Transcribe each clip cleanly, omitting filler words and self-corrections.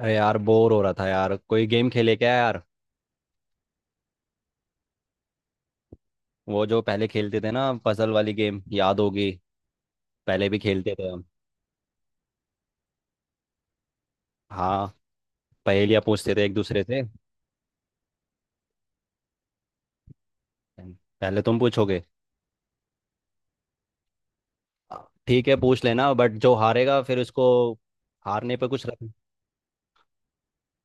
अरे यार बोर हो रहा था यार कोई गेम खेले क्या यार। वो जो पहले खेलते थे ना पजल वाली गेम याद होगी। पहले भी खेलते थे हम। हाँ। पहेलियाँ पूछते थे एक दूसरे से। पहले तुम पूछोगे। ठीक है पूछ लेना बट जो हारेगा फिर उसको हारने पे कुछ रख।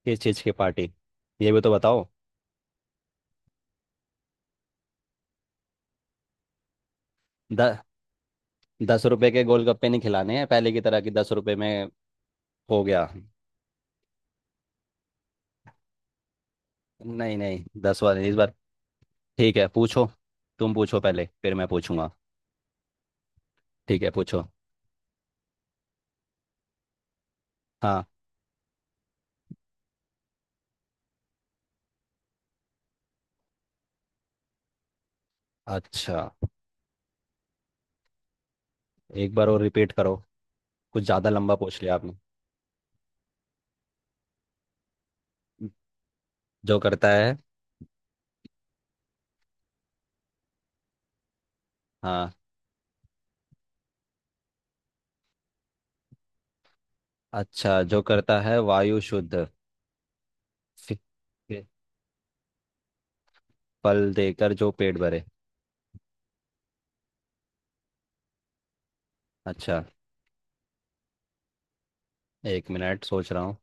किस चीज़ की पार्टी ये भी तो बताओ। द, 10 रुपए के गोलगप्पे नहीं खिलाने हैं पहले की तरह कि 10 रुपए में हो गया। नहीं नहीं दस वाले इस बार। ठीक है पूछो। तुम पूछो पहले फिर मैं पूछूंगा। ठीक है पूछो। हाँ। अच्छा। एक बार और रिपीट करो। कुछ ज्यादा लंबा पूछ लिया आपने। जो करता है। हाँ। अच्छा जो करता है वायु शुद्ध फि- फि- फल देकर जो पेट भरे। अच्छा। एक मिनट सोच रहा हूँ।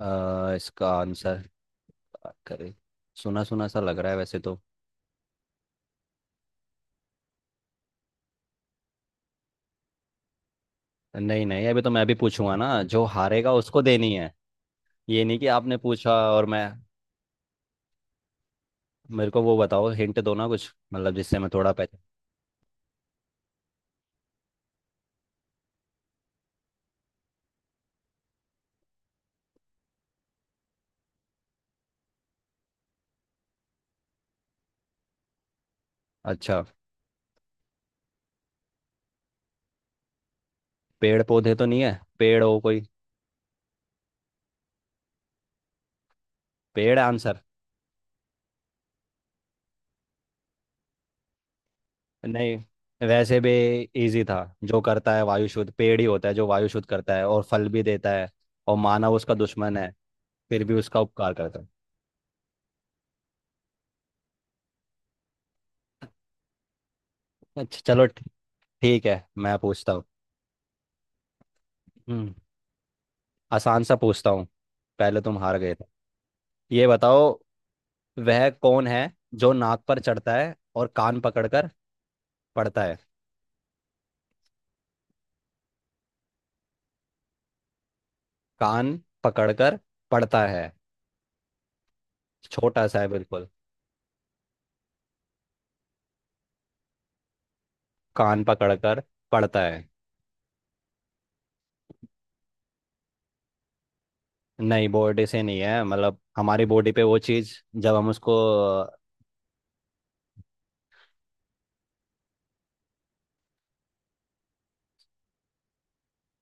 इसका आंसर करे सुना सुना सा लग रहा है वैसे तो। नहीं नहीं अभी तो मैं भी पूछूंगा ना जो हारेगा उसको देनी है। ये नहीं कि आपने पूछा और मैं। मेरे को वो बताओ हिंट दो ना कुछ मतलब जिससे मैं थोड़ा पहचान। अच्छा। पेड़ पौधे तो नहीं है पेड़ हो कोई। पेड़ आंसर। नहीं वैसे भी इजी था। जो करता है वायु शुद्ध पेड़ ही होता है जो वायु शुद्ध करता है और फल भी देता है और मानव उसका दुश्मन है फिर भी उसका उपकार करता है। अच्छा चलो ठीक है मैं पूछता हूँ। हम्म, आसान सा पूछता हूँ। पहले तुम हार गए थे। ये बताओ वह कौन है जो नाक पर चढ़ता है और कान पकड़कर पढ़ता है। कान पकड़कर पढ़ता है छोटा सा है बिल्कुल। कान पकड़कर पढ़ता है। नहीं बॉडी से नहीं है मतलब हमारी बॉडी पे वो चीज जब हम उसको।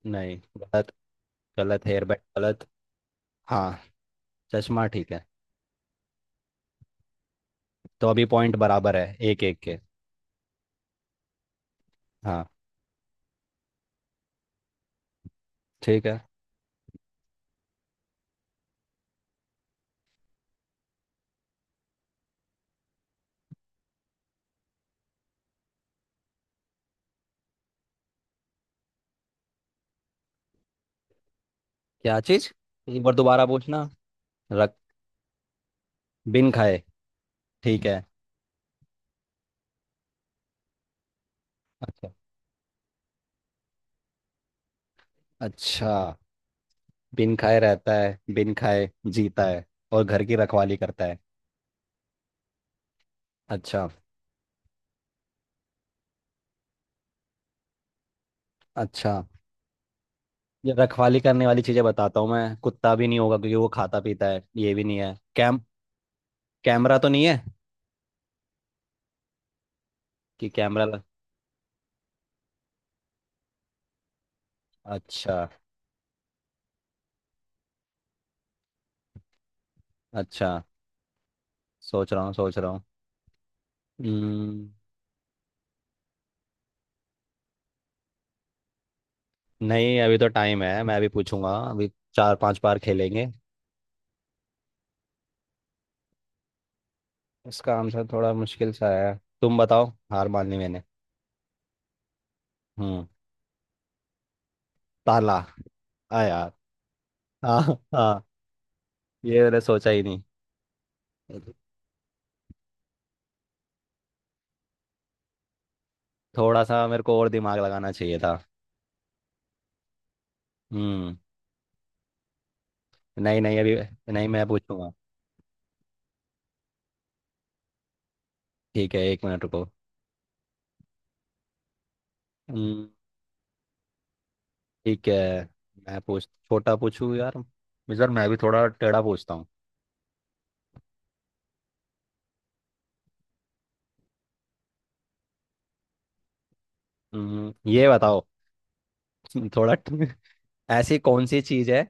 नहीं गलत गलत हेयर बैंड गलत। हाँ चश्मा ठीक है। तो अभी पॉइंट बराबर है एक एक के। हाँ ठीक है। क्या चीज। एक बार दोबारा पूछना रख। बिन खाए। ठीक है। अच्छा अच्छा। बिन खाए रहता है बिन खाए जीता है और घर की रखवाली करता है। अच्छा अच्छा। ये रखवाली करने वाली चीजें बताता हूँ मैं कुत्ता भी नहीं होगा क्योंकि वो खाता पीता है ये भी नहीं है कैमरा तो नहीं है। कि कैमरा लग। अच्छा अच्छा। सोच रहा हूँ सोच रहा हूँ। हम्म, नहीं अभी तो टाइम है मैं अभी पूछूंगा अभी 4 5 बार खेलेंगे। इसका आंसर थोड़ा मुश्किल सा है। तुम बताओ हार मान ली मैंने। हम्म। ताला आ यार। हाँ हाँ। ये मैंने सोचा ही नहीं। थोड़ा सा मेरे को और दिमाग लगाना चाहिए था। हम्म। नहीं नहीं अभी। नहीं मैं पूछूंगा। ठीक है एक मिनट रुको। हम्म, ठीक है मैं पूछ छोटा पूछूं यार। इस बार मैं भी थोड़ा टेढ़ा पूछता हूँ। ये बताओ थोड़ा ऐसी कौन सी चीज है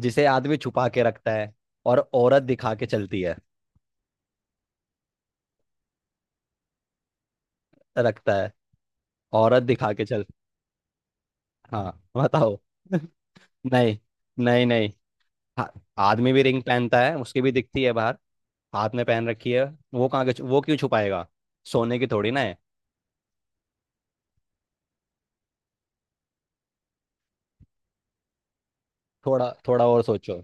जिसे आदमी छुपा के रखता है और औरत दिखा के चलती है। रखता है औरत दिखा के चल। हाँ बताओ। नहीं नहीं नहीं। हाँ, आदमी भी रिंग पहनता है उसकी भी दिखती है बाहर हाथ में पहन रखी है। वो कहाँ के छु- वो क्यों छुपाएगा। सोने की थोड़ी ना है। थोड़ा थोड़ा और सोचो।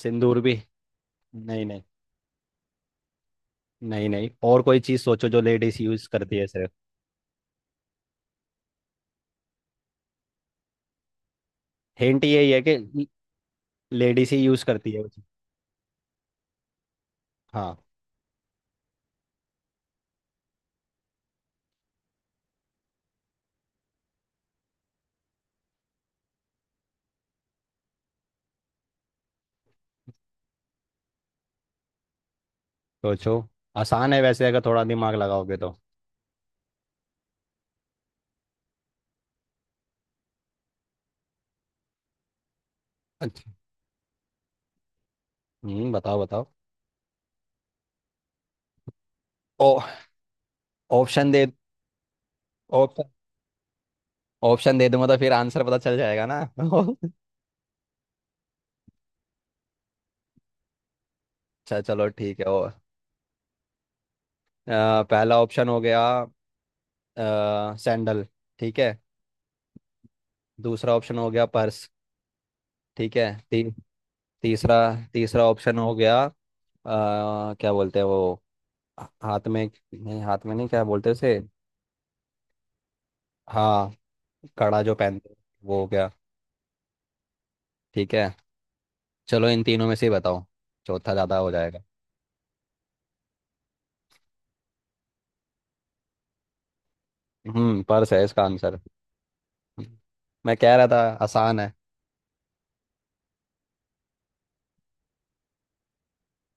सिंदूर भी नहीं नहीं। नहीं नहीं। और कोई चीज सोचो जो लेडीज यूज करती है सिर्फ। हिंट यही है कि लेडीज ही यूज करती है वो चीज़। हाँ सोचो। आसान है वैसे अगर थोड़ा दिमाग लगाओगे तो। अच्छा। बताओ बताओ। ओ। ऑप्शन दे। ऑप्शन ऑप्शन दे दूंगा तो फिर आंसर पता चल जाएगा ना अच्छा। चलो ठीक है और। पहला ऑप्शन हो गया सैंडल। ठीक है। दूसरा ऑप्शन हो गया पर्स। ठीक है। ती, तीसरा। तीसरा ऑप्शन हो गया क्या बोलते हैं वो हाथ में। नहीं हाथ में नहीं क्या बोलते हैं उसे। हाँ कड़ा जो पहनते हैं, वो हो गया। ठीक है चलो इन तीनों में से ही बताओ। चौथा ज़्यादा हो जाएगा। पर्स है इसका आंसर। मैं कह रहा था आसान है।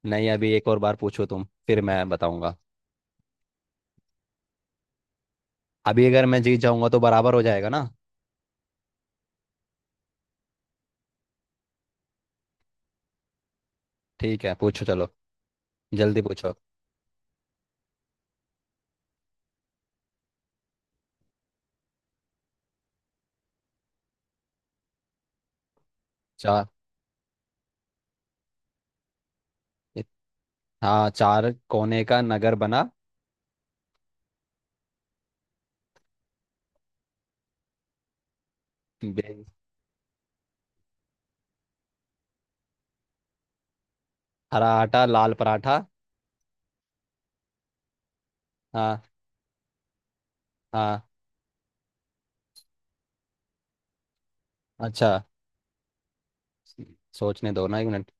नहीं अभी एक और बार पूछो तुम फिर मैं बताऊंगा। अभी अगर मैं जीत जाऊंगा तो बराबर हो जाएगा ना। ठीक है पूछो चलो जल्दी पूछो। चार। हाँ चार कोने का नगर बना। बे- हरा आटा लाल पराठा। हाँ हाँ। अच्छा सोचने दो ना एक मिनट।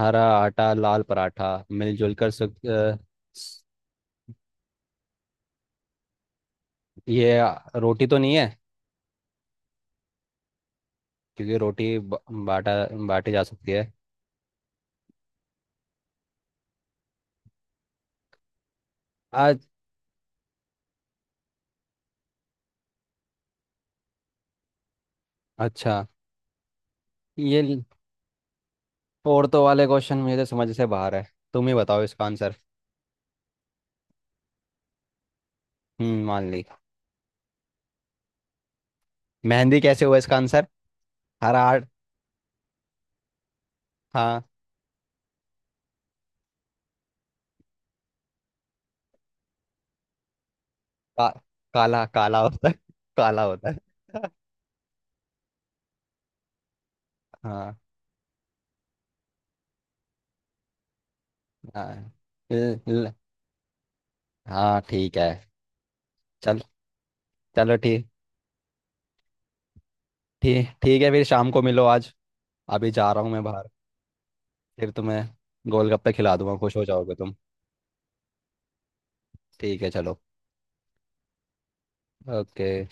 हरा आटा लाल पराठा मिलजुल कर स- ये रोटी तो नहीं है क्योंकि रोटी बाटा बाटी जा सकती है आज। अच्छा ये औरतों वाले क्वेश्चन मेरे समझ से बाहर है। तुम ही बताओ इसका आंसर। मान ली। मेहंदी कैसे हुआ इसका आंसर हरा आर्ट। हाँ का, काला काला होता है काला होता है हाँ हाँ ल- ल- हाँ ठीक है चल चलो ठीक ठीक। ठीक है फिर शाम को मिलो आज। अभी जा रहा हूँ मैं बाहर। फिर तुम्हें गोलगप्पे खिला दूंगा खुश हो जाओगे तुम। ठीक है चलो। ओके।